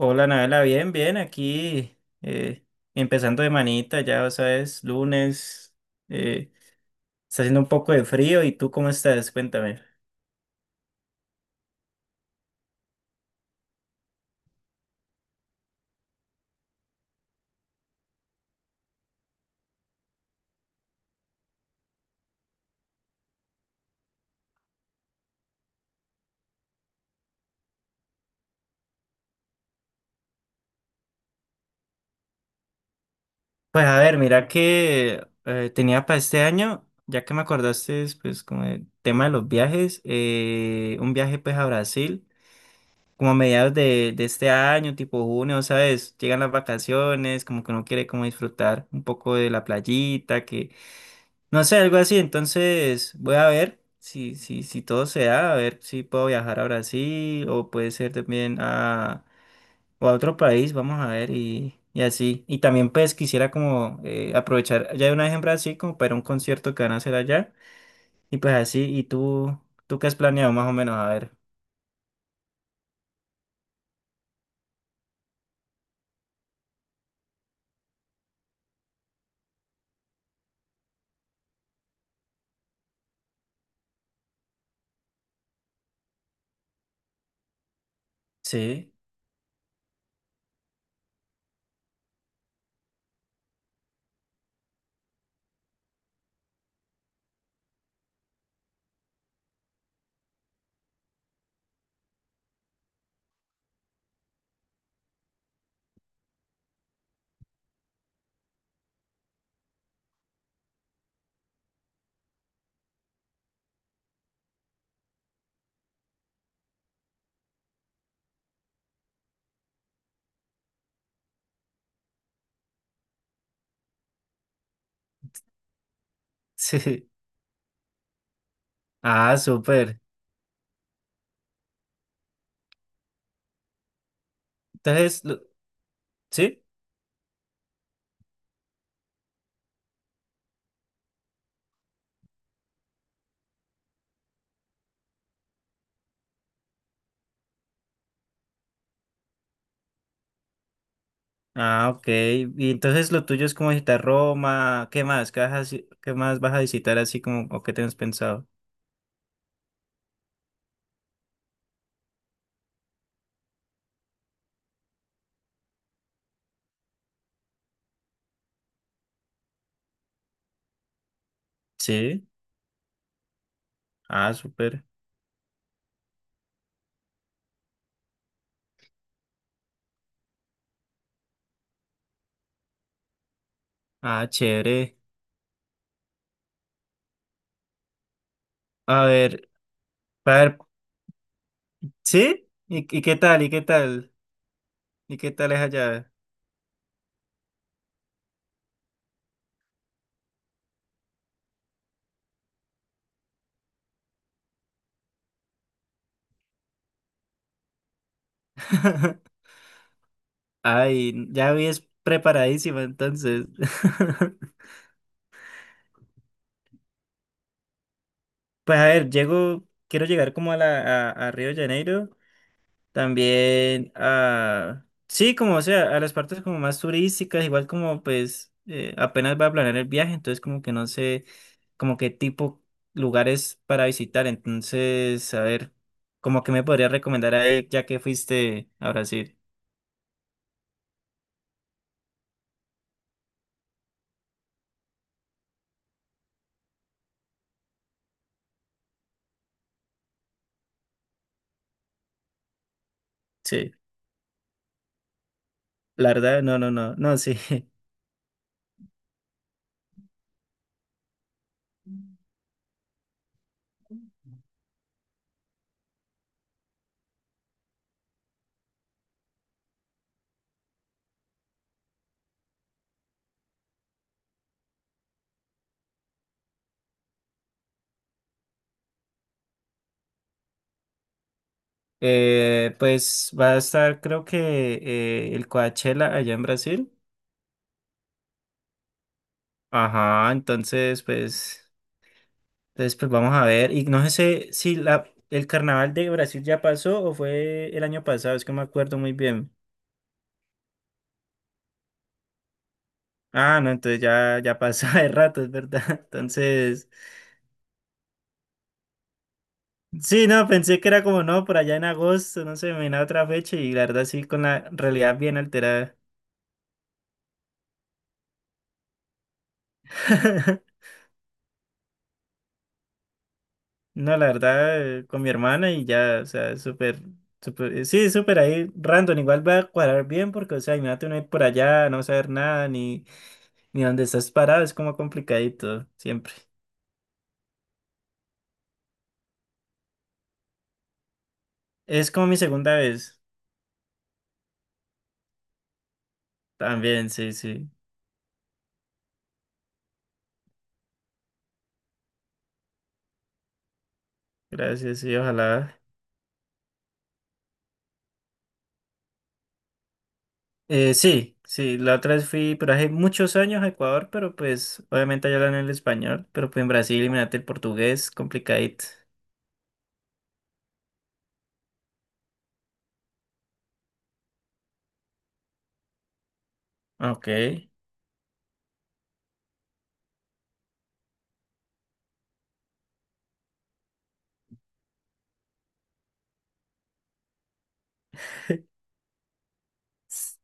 Hola, Nabela, bien, bien, aquí eh, empezando de manita, ya, o sea, es lunes. eh, Está haciendo un poco de frío. ¿Y tú cómo estás? Cuéntame. Pues a ver, mira que tenía para este año, ya que me acordaste, pues como el tema de los viajes, un viaje pues a Brasil, como a mediados de este año, tipo junio, ¿sabes? Llegan las vacaciones, como que uno quiere como disfrutar un poco de la playita, que no sé, algo así. Entonces voy a ver si todo se da, a ver si puedo viajar a Brasil o puede ser también a, o a otro país, vamos a ver, y así. Y también pues quisiera como aprovechar ya de una vez en Brasil como para ir a un concierto que van a hacer allá, y pues así. ¿Y tú qué has planeado más o menos? A ver. Sí, sí. Ah, súper. Entonces, lo- ¿sí? Ah, ok. Y entonces lo tuyo es como visitar Roma. ¿Qué más? ¿Qué vas a, haci- qué más vas a visitar así como o qué tienes pensado? Sí. Ah, súper. Ah, chévere. A ver, a ver. ¿Sí? Y qué tal? ¿Y qué tal? ¿Y qué tal es allá? Ay, ya vi, es preparadísima entonces. Pues a ver, llego, quiero llegar como a la a Río de Janeiro. También a, sí, como o sea, a las partes como más turísticas, igual como pues apenas va a planear el viaje, entonces como que no sé como qué tipo lugares para visitar, entonces a ver, como que me podría recomendar ahí ya que fuiste a Brasil. Sí, la verdad, no, no, no, no, sí. Pues va a estar creo que el Coachella allá en Brasil. Ajá, entonces pues... Entonces, pues vamos a ver. Y no sé si la, el carnaval de Brasil ya pasó o fue el año pasado, es que no me acuerdo muy bien. Ah, no, entonces ya, ya pasó de rato, es verdad. Entonces, sí, no, pensé que era como no, por allá en agosto, no sé, me vino a otra fecha, y la verdad sí, con la realidad bien alterada. No, la verdad, con mi hermana y ya, o sea, súper, súper, sí, súper ahí, random, igual va a cuadrar bien porque, o sea, imagínate uno ir por allá, no saber nada, ni, ni dónde estás parado, es como complicadito, siempre. Es como mi segunda vez. También, sí, sí. Gracias, sí, ojalá. Sí, sí, la otra vez fui, pero hace muchos años a Ecuador, pero pues obviamente allá hablan el español, pero pues en Brasil, imagínate el portugués, complicadito. Ah, ok. S-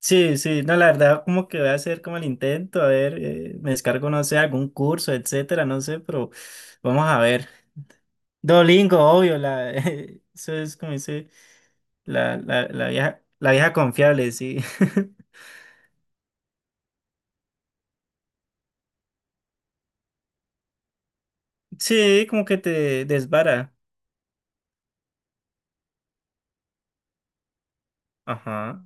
Sí, sí, no, la verdad, como que voy a hacer como el intento, a ver, me descargo, no sé, algún curso, etcétera, no sé, pero vamos a ver. Dolingo, obvio, la, eso es como dice, la, la vieja, la vieja confiable, sí. Sí, como que te desvara. Ajá.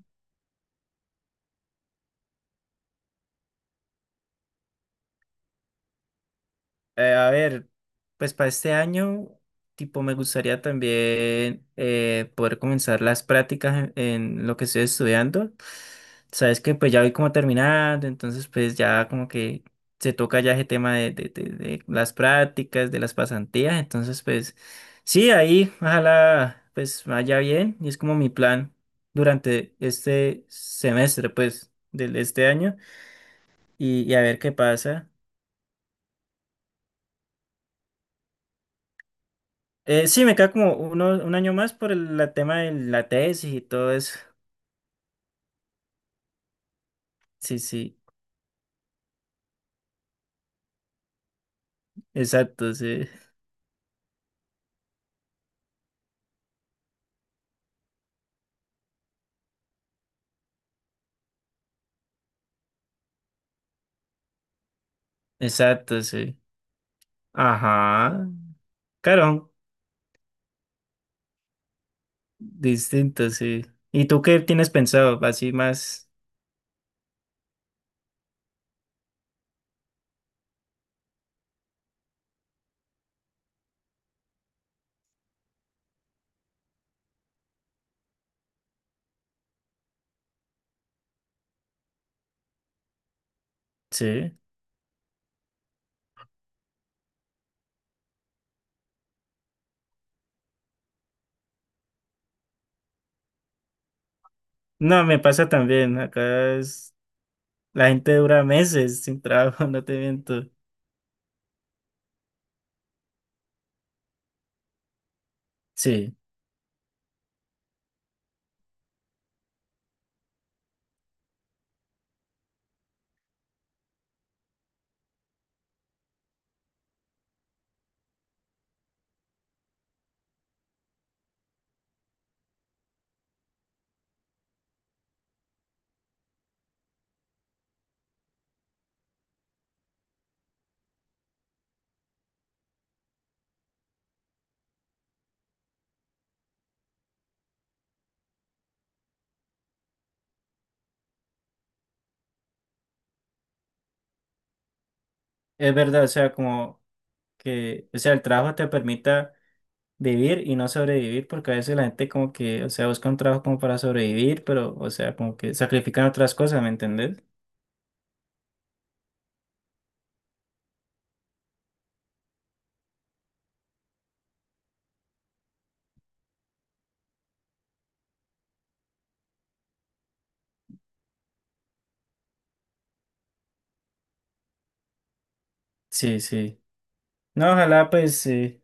A ver, pues para este año, tipo, me gustaría también poder comenzar las prácticas en lo que estoy estudiando. Sabes que pues ya voy como terminando, entonces pues ya como que se toca ya ese tema de las prácticas, de las pasantías. Entonces pues sí, ahí ojalá pues vaya bien, y es como mi plan durante este semestre pues de este año. Y, y a ver qué pasa. Sí, me queda como uno, un año más por el la tema de la tesis y todo eso. Sí, sí, exacto, sí. Exacto, sí. Ajá. Claro, distinto, sí. ¿Y tú qué tienes pensado? Así más, sí. No, me pasa también. Acá es- la gente dura meses sin trabajo, no te miento. Sí, es verdad, o sea, como que, o sea, el trabajo te permite vivir y no sobrevivir, porque a veces la gente como que, o sea, busca un trabajo como para sobrevivir, pero, o sea, como que sacrifican otras cosas, ¿me entendés? Sí, sí. No, ojalá pues,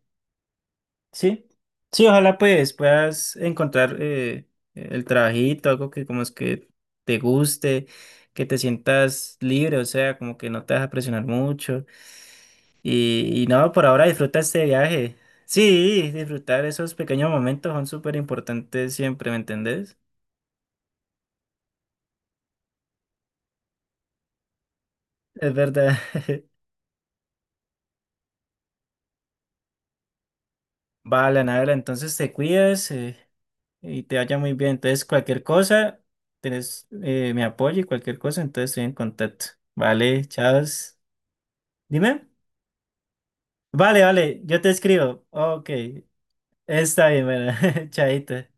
sí, sí, ojalá pues puedas encontrar el trabajito, algo que como es que te guste, que te sientas libre, o sea, como que no te vas a presionar mucho. Y no, por ahora disfruta este viaje. Sí, disfrutar esos pequeños momentos son súper importantes siempre, ¿me entendés? Es verdad. Vale, Anabela, entonces te cuidas, y te vaya muy bien. Entonces, cualquier cosa, tenés mi apoyo, y cualquier cosa, entonces estoy en contacto. Vale, chao. Dime. Vale, vale, yo te escribo. Ok, está bien, bueno, chaito.